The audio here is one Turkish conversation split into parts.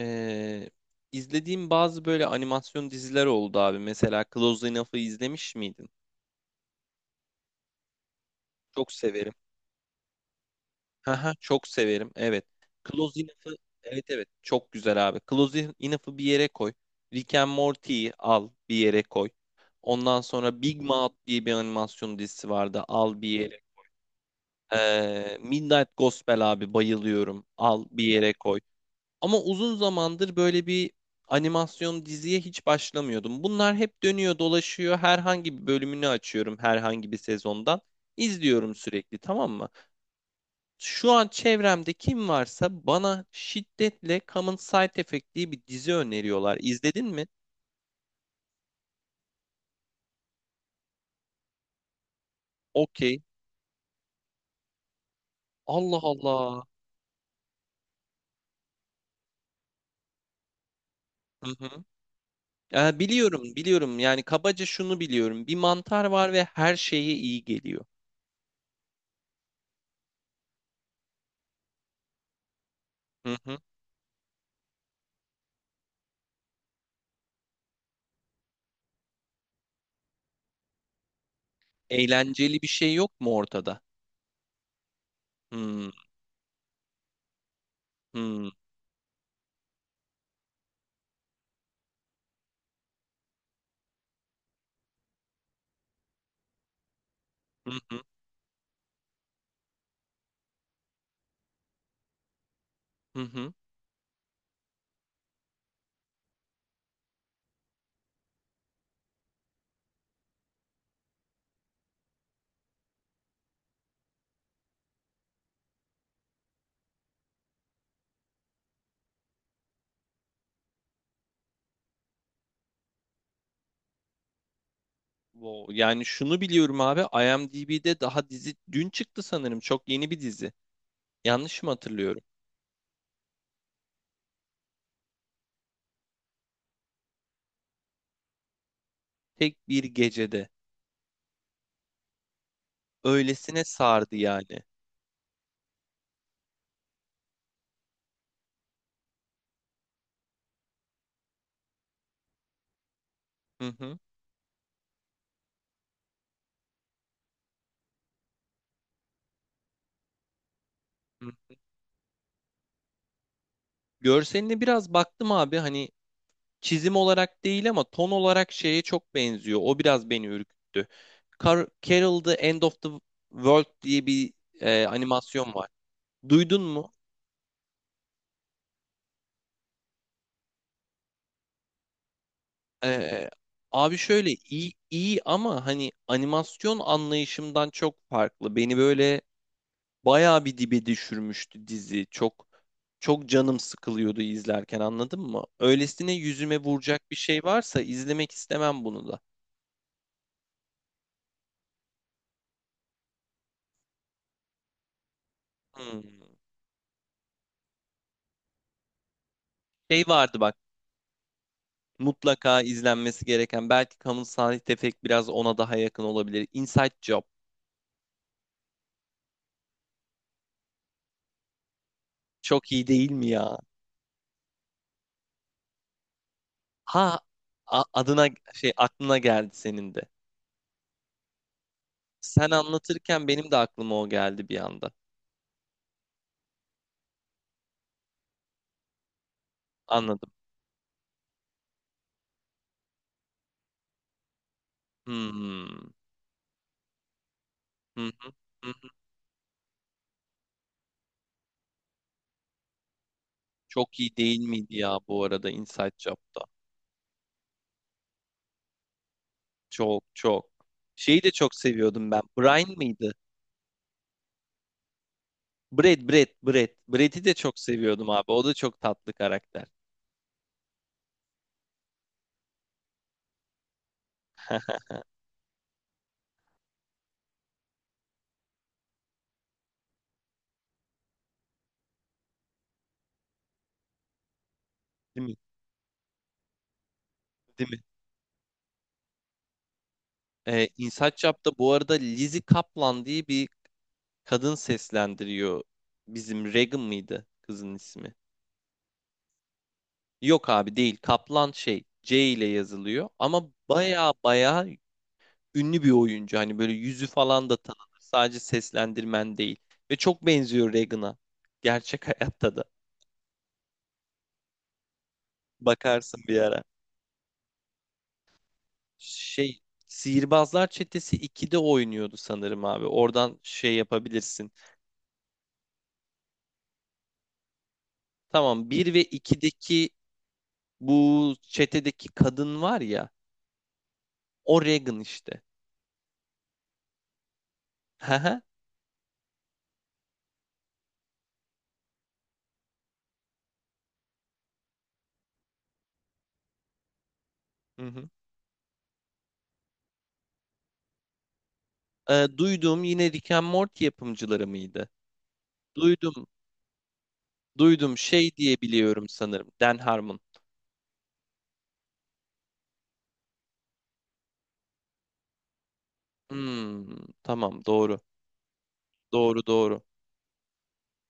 Ee, izlediğim bazı böyle animasyon diziler oldu abi. Mesela Close Enough'ı izlemiş miydin? Çok severim. Haha, çok severim. Evet. Close Enough'ı evet evet çok güzel abi. Close Enough'ı bir yere koy. Rick and Morty'yi al bir yere koy. Ondan sonra Big Mouth diye bir animasyon dizisi vardı. Al bir yere. Midnight Gospel abi bayılıyorum. Al bir yere koy. Ama uzun zamandır böyle bir animasyon diziye hiç başlamıyordum. Bunlar hep dönüyor dolaşıyor. Herhangi bir bölümünü açıyorum herhangi bir sezondan. İzliyorum sürekli, tamam mı? Şu an çevremde kim varsa bana şiddetle Common Side Effect diye bir dizi öneriyorlar. İzledin mi? Okey. Allah Allah. Hı hı. Ya biliyorum biliyorum, yani kabaca şunu biliyorum. Bir mantar var ve her şeye iyi geliyor. Hı hı. Eğlenceli bir şey yok mu ortada? Hı hı. Hı hı. Hı hı. Wow. Yani şunu biliyorum abi, IMDb'de daha dizi dün çıktı sanırım. Çok yeni bir dizi. Yanlış mı hatırlıyorum? Tek bir gecede. Öylesine sardı yani. Hı hı. Hı. Görseline biraz baktım abi, hani çizim olarak değil ama ton olarak şeye çok benziyor. O biraz beni ürküttü. Carol the End of the World diye bir animasyon var. Duydun mu? Ee, abi şöyle iyi iyi ama hani animasyon anlayışımdan çok farklı. Beni böyle bayağı bir dibe düşürmüştü dizi. Çok çok canım sıkılıyordu izlerken, anladın mı? Öylesine yüzüme vuracak bir şey varsa izlemek istemem bunu da. Hmm. Şey vardı bak, mutlaka izlenmesi gereken, belki kamusal tefek biraz ona daha yakın olabilir. Inside Job çok iyi değil mi ya? Ha, adına şey aklına geldi senin de. Sen anlatırken benim de aklıma o geldi bir anda. Anladım. Hmm. Hı hı. Hı hı. Çok iyi değil miydi ya bu arada Inside Job'da? Çok çok. Şeyi de çok seviyordum ben. Brian mıydı? Brad, Brad, Brad. Brad'i de çok seviyordum abi. O da çok tatlı karakter. Değil mi? Değil mi? Inside Job'da bu arada Lizzie Kaplan diye bir kadın seslendiriyor. Bizim Regan mıydı kızın ismi? Yok abi, değil. Kaplan şey C ile yazılıyor ama baya baya ünlü bir oyuncu. Hani böyle yüzü falan da tanınır. Sadece seslendirmen değil. Ve çok benziyor Regan'a. Gerçek hayatta da. Bakarsın bir ara. Şey, Sihirbazlar Çetesi 2'de oynuyordu sanırım abi. Oradan şey yapabilirsin. Tamam, bir ve 2'deki bu çetedeki kadın var ya. O Regan işte. Hı hı. Hı hı. Duyduğum yine Rick and Morty yapımcıları mıydı? Duydum. Duydum şey diye biliyorum sanırım. Dan Harmon. Hmm, tamam, doğru. Doğru doğru.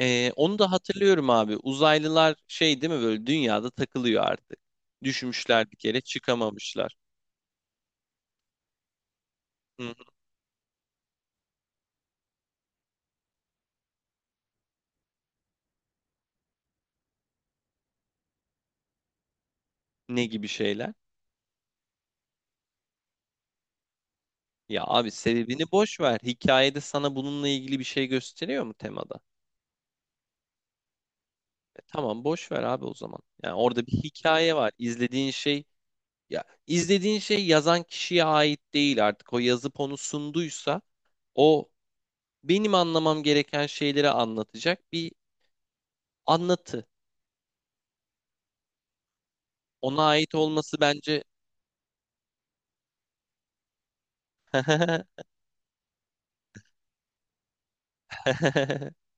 Onu da hatırlıyorum abi. Uzaylılar şey değil mi, böyle dünyada takılıyor artık. Düşmüşler bir kere çıkamamışlar. Hı hı. Ne gibi şeyler? Ya abi, sebebini boş ver. Hikayede sana bununla ilgili bir şey gösteriyor mu temada? Tamam boş ver abi o zaman. Yani orada bir hikaye var. İzlediğin şey, ya izlediğin şey yazan kişiye ait değil artık. O yazıp onu sunduysa o, benim anlamam gereken şeyleri anlatacak bir anlatı. Ona ait olması bence,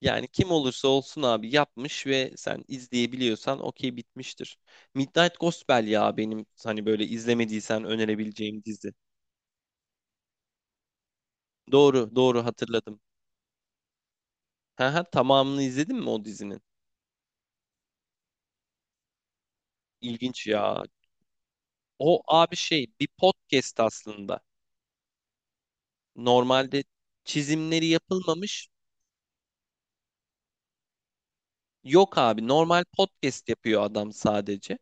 yani kim olursa olsun abi, yapmış ve sen izleyebiliyorsan okey, bitmiştir. Midnight Gospel ya benim hani böyle izlemediysen önerebileceğim dizi. Doğru, doğru hatırladım. Haha, tamamını izledin mi o dizinin? İlginç ya. O abi şey, bir podcast aslında. Normalde çizimleri yapılmamış. Yok abi, normal podcast yapıyor adam sadece.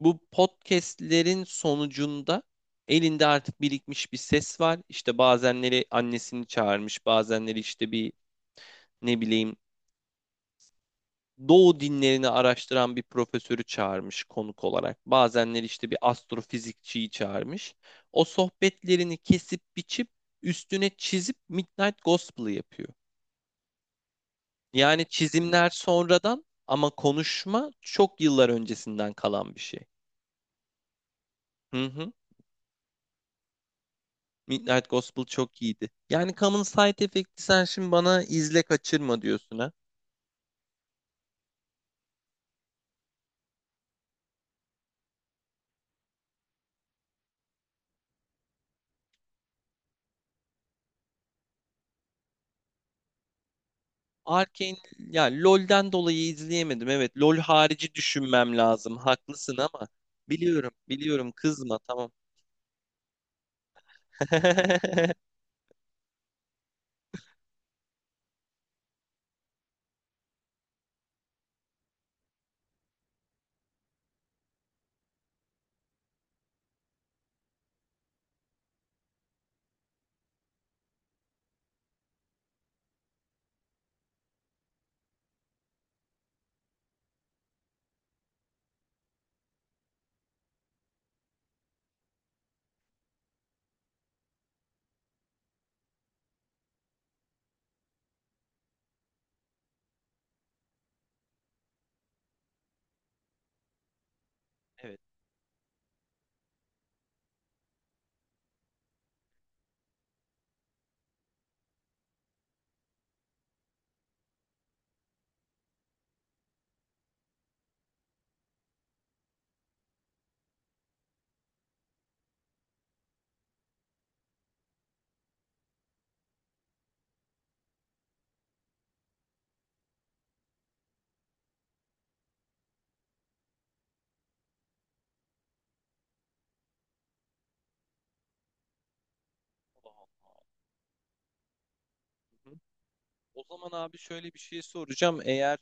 Bu podcastlerin sonucunda elinde artık birikmiş bir ses var. İşte bazenleri annesini çağırmış, bazenleri işte bir, ne bileyim, Doğu dinlerini araştıran bir profesörü çağırmış konuk olarak. Bazenleri işte bir astrofizikçiyi çağırmış. O sohbetlerini kesip biçip üstüne çizip Midnight Gospel'ı yapıyor. Yani çizimler sonradan ama konuşma çok yıllar öncesinden kalan bir şey. Hı hı. Midnight Gospel çok iyiydi. Yani Common Side efekti sen şimdi bana izle kaçırma diyorsun ha. Arcane ya LoL'den dolayı izleyemedim. Evet, LoL harici düşünmem lazım. Haklısın ama biliyorum biliyorum, kızma, tamam. Evet. Hı. O zaman abi şöyle bir şey soracağım. Eğer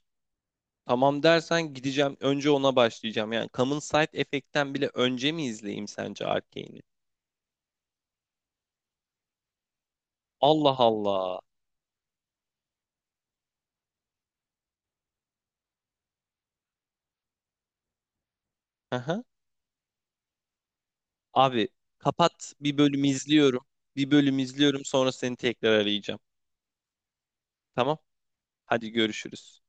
tamam dersen gideceğim. Önce ona başlayacağım. Yani Common Side efektten bile önce mi izleyeyim sence Arcane'i? Allah Allah. Aha. Abi kapat, bir bölüm izliyorum. Bir bölüm izliyorum, sonra seni tekrar arayacağım. Tamam? Hadi görüşürüz.